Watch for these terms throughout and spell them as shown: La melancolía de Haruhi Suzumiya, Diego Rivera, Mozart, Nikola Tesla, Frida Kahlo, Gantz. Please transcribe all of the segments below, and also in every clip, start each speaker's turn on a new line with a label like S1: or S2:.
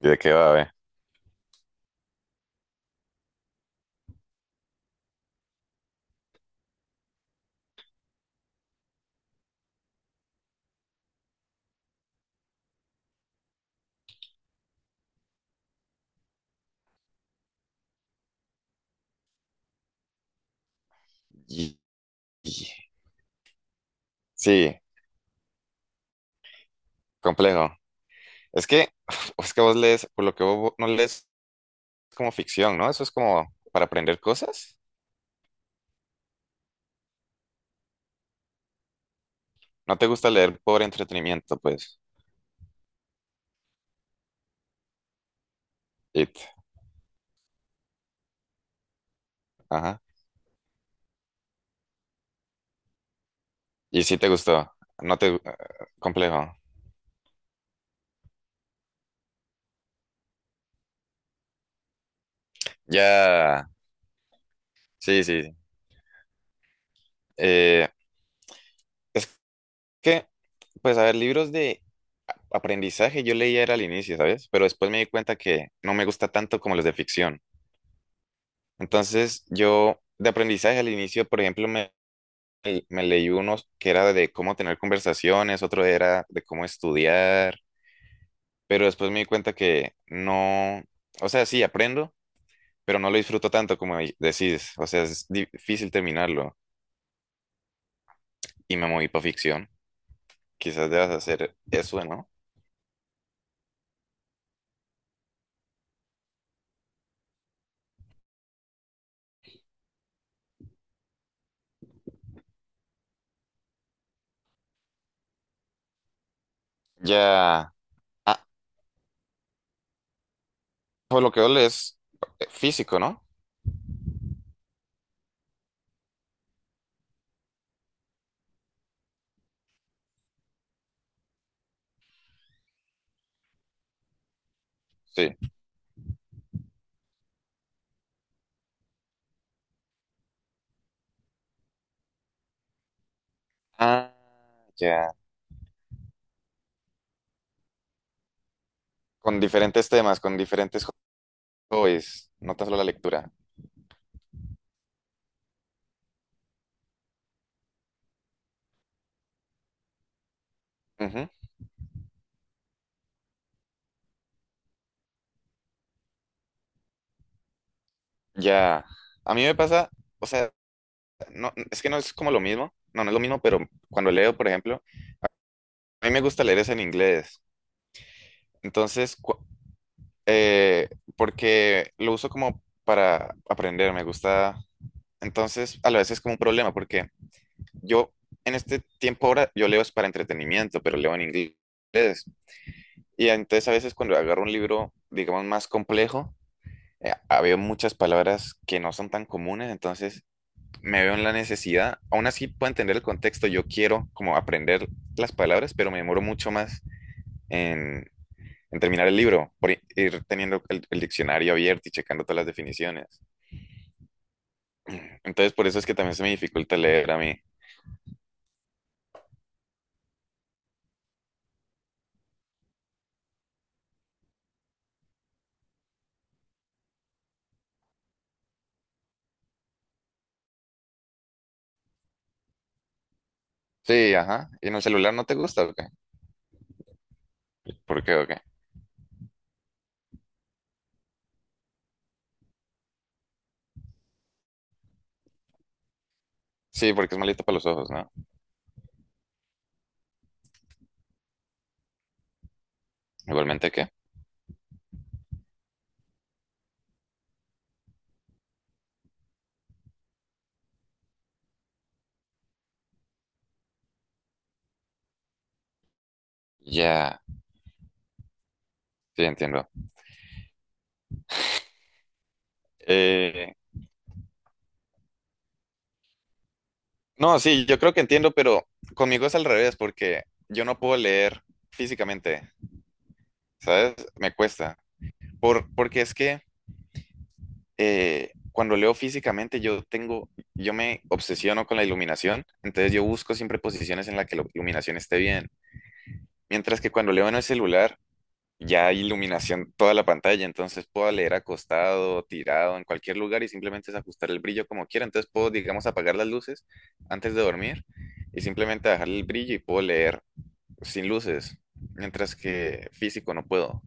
S1: ¿Y de qué va, ve? Y- y- Sí, complejo. Es que, es que vos lees, por lo que vos no lees como ficción, ¿no? Eso es como para aprender cosas. No te gusta leer por entretenimiento, pues. It. Ajá. Y sí te gustó. No te... gu- ah, Complejo. Ya. Sí, sí, sí. Eh, es que, pues, a ver, libros de aprendizaje yo leía era al inicio, ¿sabes? Pero después me di cuenta que no me gusta tanto como los de ficción. Entonces, yo de aprendizaje al inicio, por ejemplo, me y me leí unos que era de cómo tener conversaciones, otro era de cómo estudiar, pero después me di cuenta que no, o sea, sí aprendo, pero no lo disfruto tanto como decís, o sea, es difícil terminarlo y me moví para ficción. Quizás debas hacer eso, ¿no? Ya. ah, por lo que veo es físico, ¿no? Sí. Ah, ya. Con diferentes temas, con diferentes hobbies, no tan solo la lectura. Ujú. Ya. A mí me pasa, o sea, no, es que no es como lo mismo, no, no es lo mismo, pero cuando leo, por ejemplo, a mí me gusta leer es en inglés, entonces, eh, porque lo uso como para aprender, me gusta, entonces, a la vez es como un problema, porque yo en este tiempo ahora, yo leo es para entretenimiento, pero leo en inglés, y entonces a veces cuando agarro un libro, digamos, más complejo, había muchas palabras que no son tan comunes, entonces me veo en la necesidad, aún así puedo entender el contexto, yo quiero como aprender las palabras, pero me demoro mucho más en, en terminar el libro, por ir teniendo el diccionario abierto y checando todas las definiciones. Entonces, por eso es que también se me dificulta leer a mí. Sí, ajá. ¿Y en el celular no te gusta o qué? ¿Por qué o qué? Sí, porque es malito para los ojos, ¿no? Igualmente, ¿qué? Ya, sí, entiendo. Eh, no, sí, yo creo que entiendo, pero conmigo es al revés, porque yo no puedo leer físicamente, ¿sabes? Me cuesta. Porque es que cuando leo físicamente, yo me obsesiono con la iluminación, entonces yo busco siempre posiciones en las que la iluminación esté bien. Mientras que cuando leo en el celular, ya hay iluminación toda la pantalla, entonces puedo leer acostado, tirado, en cualquier lugar y simplemente es ajustar el brillo como quiera. Entonces puedo, digamos, apagar las luces antes de dormir y simplemente bajar el brillo y puedo leer sin luces, mientras que físico no puedo.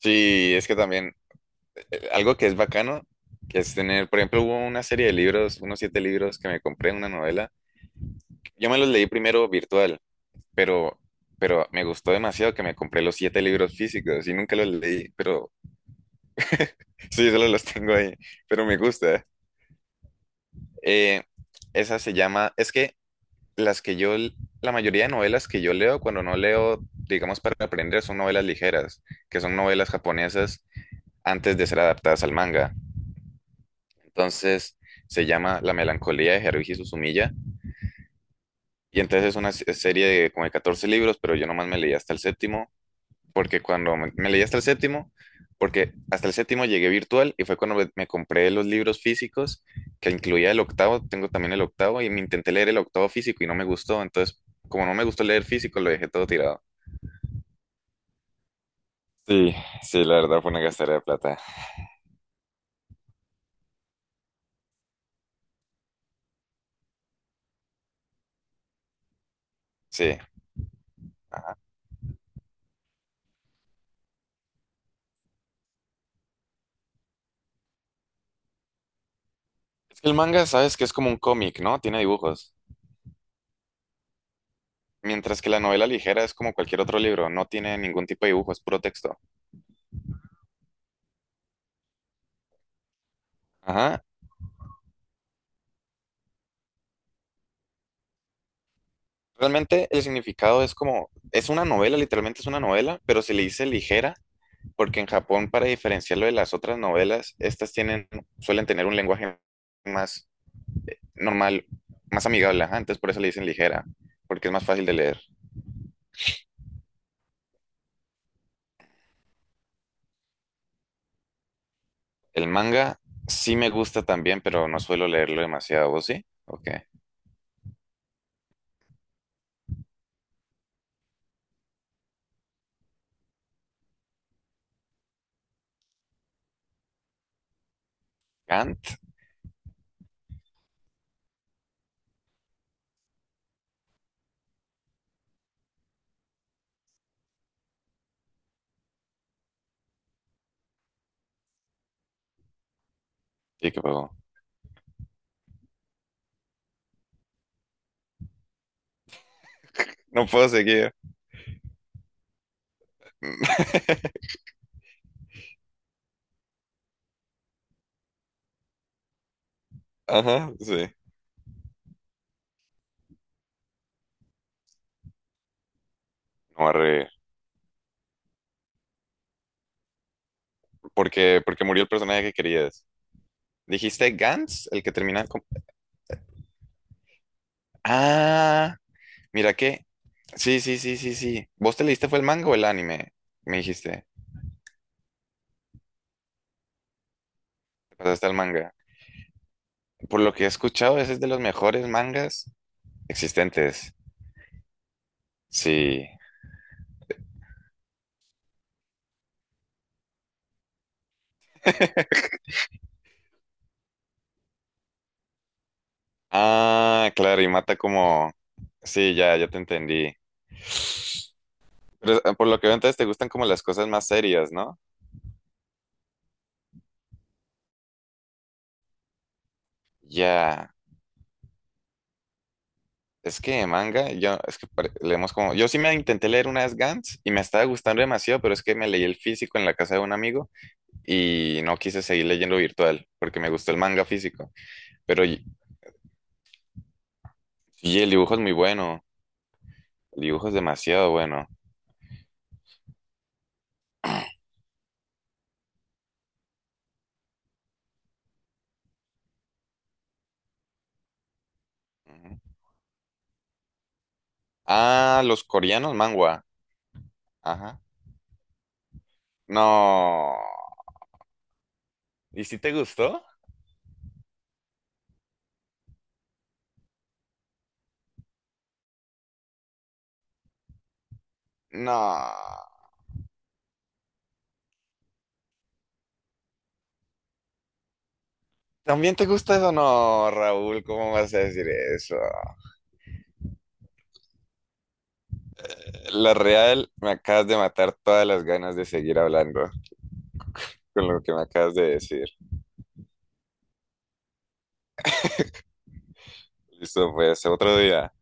S1: Sí, es que también algo que es bacano, que es tener, por ejemplo, hubo una serie de libros, unos siete libros que me compré, una novela. Yo me los leí primero virtual, pero, pero me gustó demasiado que me compré los siete libros físicos y nunca los leí, pero sí, solo los tengo ahí, pero me gusta. Eh, Esa se llama, es que las que yo, la mayoría de novelas que yo leo cuando no leo, digamos, para aprender son novelas ligeras, que son novelas japonesas antes de ser adaptadas al manga. Entonces, se llama La melancolía de Haruhi Suzumiya. Y entonces es una serie de como de 14 libros, pero yo nomás me leí hasta el séptimo, porque cuando me leí hasta el séptimo, porque hasta el séptimo llegué virtual y fue cuando me compré los libros físicos, que incluía el octavo, tengo también el octavo, y me intenté leer el octavo físico y no me gustó, entonces como no me gustó leer físico, lo dejé todo tirado. Sí, sí, la verdad fue una gastadera de plata. Sí. Ajá. Es que el manga, sabes que es como un cómic, ¿no? Tiene dibujos. Mientras que la novela ligera es como cualquier otro libro, no tiene ningún tipo de dibujo, es puro texto. Ajá. Realmente el significado es como, es una novela, literalmente es una novela, pero se le dice ligera, porque en Japón, para diferenciarlo de las otras novelas, estas tienen, suelen tener un lenguaje más normal, más amigable, ajá, entonces por eso le dicen ligera, porque es más fácil de leer. El manga sí me gusta también, pero no suelo leerlo demasiado, ¿vos sí? Ok. Kant. ¿Y qué pasó? No puedo seguir. Ajá, sí. No, arre. Porque murió el personaje que querías. ¿Dijiste Gantz, el que termina con? Ah, mira qué. Sí, sí, sí, sí, sí. ¿Vos te leíste fue el manga o el anime? Me dijiste. Te pasaste al manga. Por lo que he escuchado, ese es de los mejores mangas existentes. Sí. Ah, claro, y mata como. Sí, ya, ya te entendí. Pero, por lo que veo, entonces te gustan como las cosas más serias, ¿no? Ya. Es que manga, yo, es que leemos como. Yo sí me intenté leer una vez Gantz y me estaba gustando demasiado, pero es que me leí el físico en la casa de un amigo, y no quise seguir leyendo virtual porque me gustó el manga físico. Pero sí, el dibujo es muy bueno. El dibujo es demasiado bueno. Ujú. Ah, los coreanos manhwa. Ajá. No. ¿Y si te gustó? No. ¿También te gusta eso? No, Raúl, ¿cómo vas a decir eso? La real, me acabas de matar todas las ganas de seguir hablando con lo que me acabas de decir. Listo, pues, otro día.